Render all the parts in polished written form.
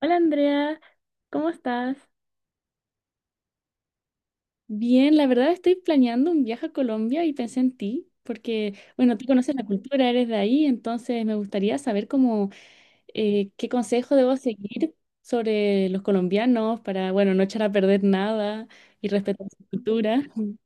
Hola Andrea, ¿cómo estás? Bien, la verdad estoy planeando un viaje a Colombia y pensé en ti, porque, bueno, tú conoces la cultura, eres de ahí, entonces me gustaría saber cómo, qué consejo debo seguir sobre los colombianos para, bueno, no echar a perder nada y respetar su cultura.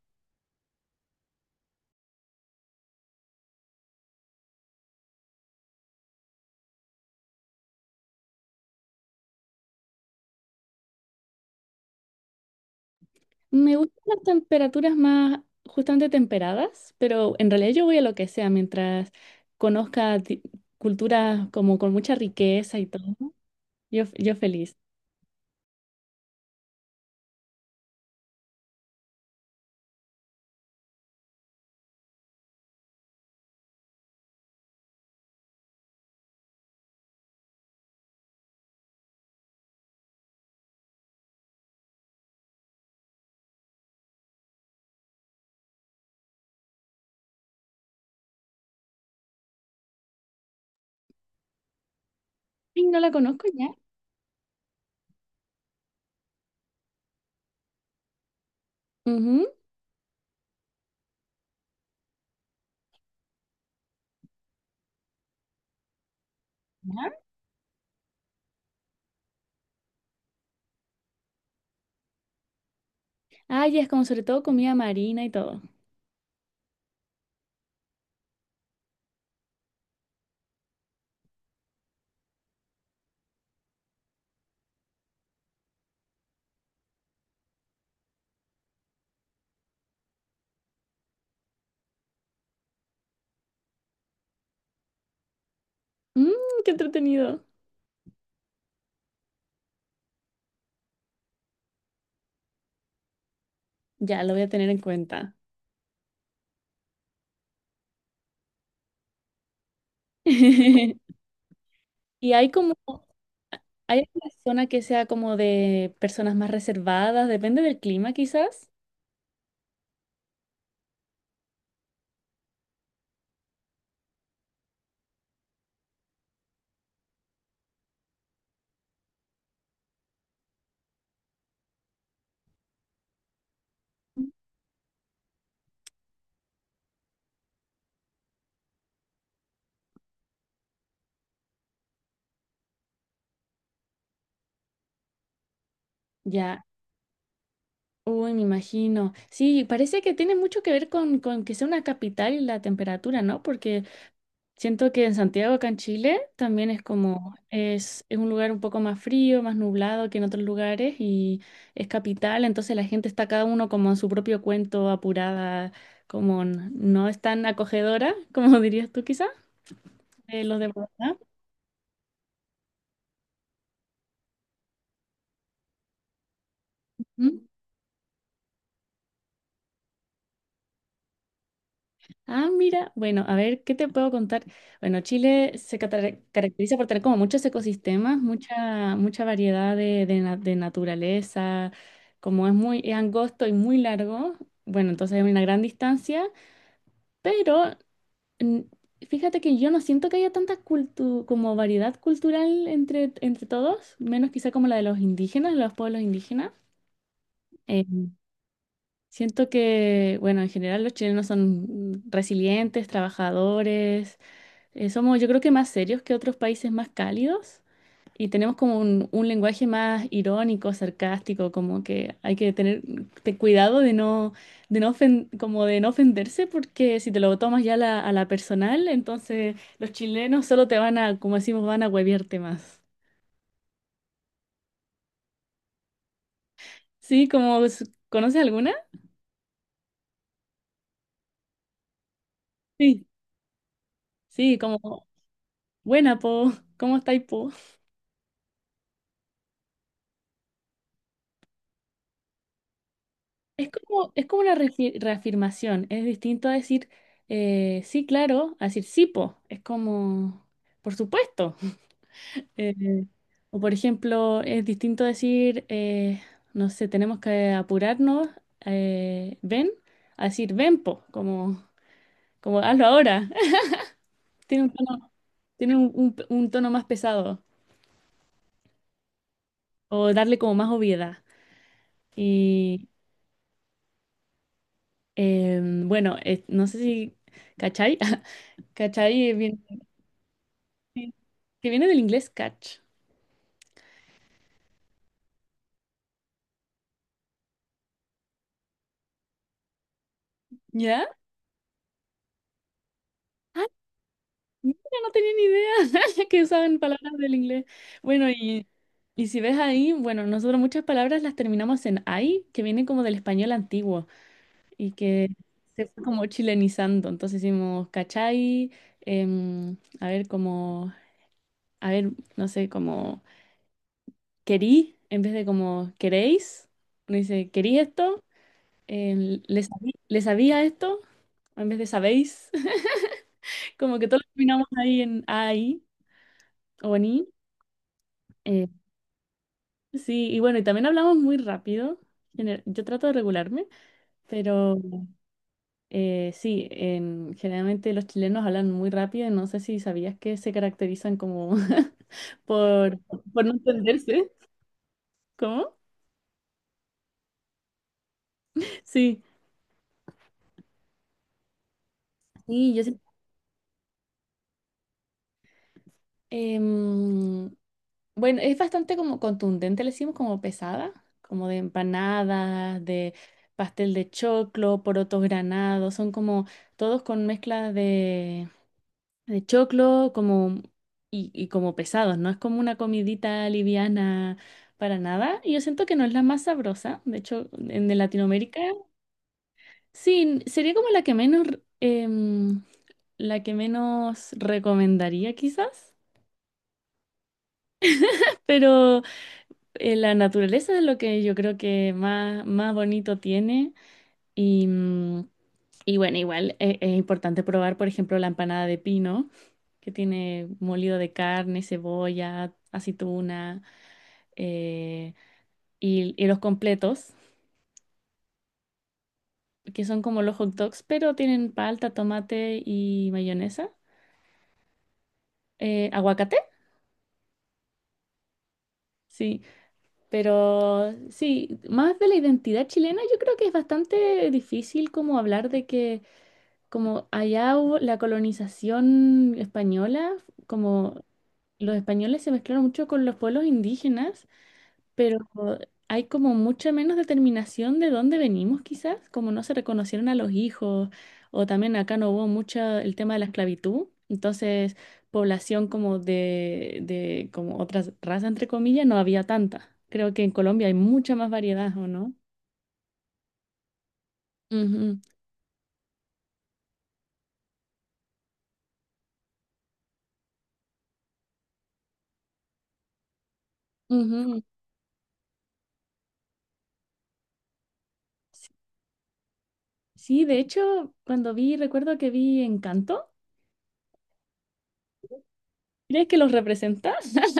Me gustan las temperaturas más justamente temperadas, pero en realidad yo voy a lo que sea mientras conozca culturas como con mucha riqueza y todo. Yo feliz. Ay, no la conozco ya. Ujú. ¿Ya? Ah, ya es como sobre todo comida marina y todo. Mmm, qué entretenido. Ya, lo voy a tener en cuenta. Y hay como, hay una zona que sea como de personas más reservadas, depende del clima quizás. Ya, uy, me imagino. Sí, parece que tiene mucho que ver con que sea una capital y la temperatura, ¿no? Porque siento que en Santiago, acá en Chile, también es como, es un lugar un poco más frío, más nublado que en otros lugares y es capital, entonces la gente está cada uno como en su propio cuento, apurada, como no es tan acogedora, como dirías tú quizás, de los de Bogotá. ¿Mm? Ah, mira, bueno, a ver, ¿qué te puedo contar? Bueno, Chile se caracteriza por tener como muchos ecosistemas, mucha variedad de, de naturaleza, como es muy es angosto y muy largo, bueno, entonces hay una gran distancia, pero mm, fíjate que yo no siento que haya tanta como variedad cultural entre, entre todos, menos quizá como la de los indígenas, los pueblos indígenas. Eh, siento que, bueno, en general los chilenos son resilientes, trabajadores. Somos, yo creo, que más serios que otros países más cálidos y tenemos como un lenguaje más irónico, sarcástico, como que hay que tener cuidado de no como de no ofenderse, porque si te lo tomas ya a la personal, entonces los chilenos solo te van a, como decimos, van a hueviarte más. Sí, como, ¿conoces alguna? Sí. Sí, como, buena, po, ¿cómo estáis, po? Es como una reafirmación, es distinto a decir sí, claro, a decir sí, po. Es como, por supuesto. Eh, o por ejemplo, es distinto decir, no sé, tenemos que apurarnos, ven, a decir ven, po, como, como hazlo ahora. Tiene un tono, tiene un, un tono más pesado o darle como más obviedad. Y bueno, no sé si, ¿cachai? ¿Cachai? Es bien. Que viene del inglés catch, ¿ya? Mira, no tenía ni idea que usaban palabras del inglés. Bueno, y si ves ahí, bueno, nosotros muchas palabras las terminamos en ay, que viene como del español antiguo y que se fue como chilenizando. Entonces hicimos cachai, a ver, como, a ver, no sé, como querí, en vez de como queréis, uno dice, ¿querí esto? ¿Le le sabía esto? En vez de sabéis, como que todos terminamos ahí en ay. Oni. eh, sí, y bueno, y también hablamos muy rápido. Yo trato de regularme, pero sí, generalmente los chilenos hablan muy rápido. No sé si sabías que se caracterizan como por, por no entenderse. ¿Cómo? Sí, sí, yo sí- em, bueno, es bastante como contundente, le decimos como pesada, como de empanadas, de pastel de choclo, porotos granados, son como todos con mezcla de choclo como y como pesados, no es como una comidita liviana para nada. Y yo siento que no es la más sabrosa. De hecho, en de Latinoamérica, sí, n- sería como la que menos r- em, la que menos recomendaría quizás. Pero la naturaleza es lo que yo creo que más, más bonito tiene. Y, y bueno, igual es importante probar, por ejemplo, la empanada de pino que tiene molido de carne, cebolla, aceituna. eh, y los completos, que son como los hot dogs, pero tienen palta, tomate y mayonesa. Aguacate, sí. Pero sí, más de la identidad chilena, yo creo que es bastante difícil como hablar de que como allá hubo la colonización española, como los españoles se mezclaron mucho con los pueblos indígenas, pero hay como mucha menos determinación de dónde venimos quizás, como no se reconocieron a los hijos, o también acá no hubo mucho el tema de la esclavitud, entonces población como de como otras razas entre comillas no había tanta. Creo que en Colombia hay mucha más variedad, ¿o no? Ujú, ujú. Sí, sí, de hecho, cuando vi, recuerdo que vi Encanto, ¿crees que los representa?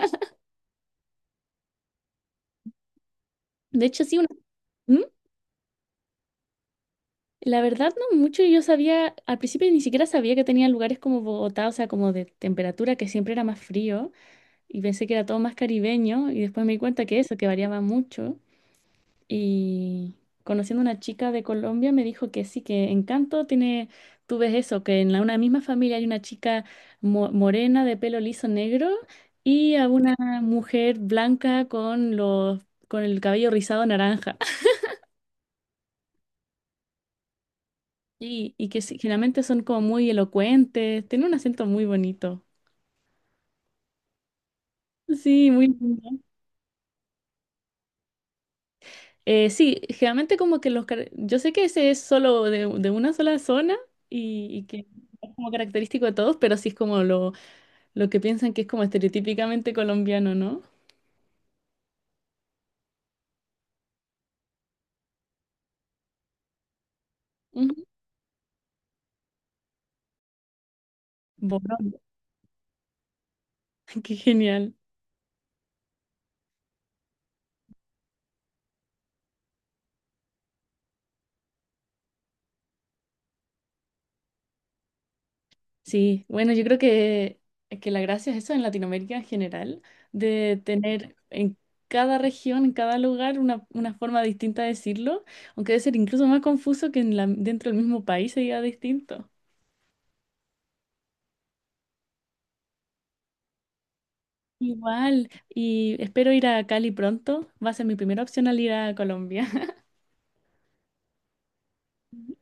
De hecho, sí, una... ¿Mm? La verdad, no mucho. Yo sabía, al principio ni siquiera sabía que tenía lugares como Bogotá, o sea, como de temperatura, que siempre era más frío, y pensé que era todo más caribeño, y después me di cuenta que eso, que variaba mucho. Y conociendo una chica de Colombia, me dijo que sí, que Encanto tiene, tú ves eso, que en la, una misma familia hay una chica morena de pelo liso negro y a una mujer blanca con los, con el cabello rizado naranja. Y que sí- generalmente son como muy elocuentes, tienen un acento muy bonito. Sí, muy lindo. Sí, generalmente como que los... car- Yo sé que ese es solo de una sola zona y que es como característico de todos, pero sí es como lo que piensan que es como estereotípicamente colombiano, ¿no? Ujú. Borón, qué genial. Sí, bueno, yo creo que la gracia es eso en Latinoamérica en general, de tener en cada región, en cada lugar, una forma distinta de decirlo, aunque debe ser incluso más confuso que en la, dentro del mismo país se diga distinto. Igual, y espero ir a Cali pronto, va a ser mi primera opción al ir a Colombia.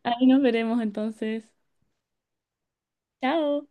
Ahí nos veremos entonces. Chao.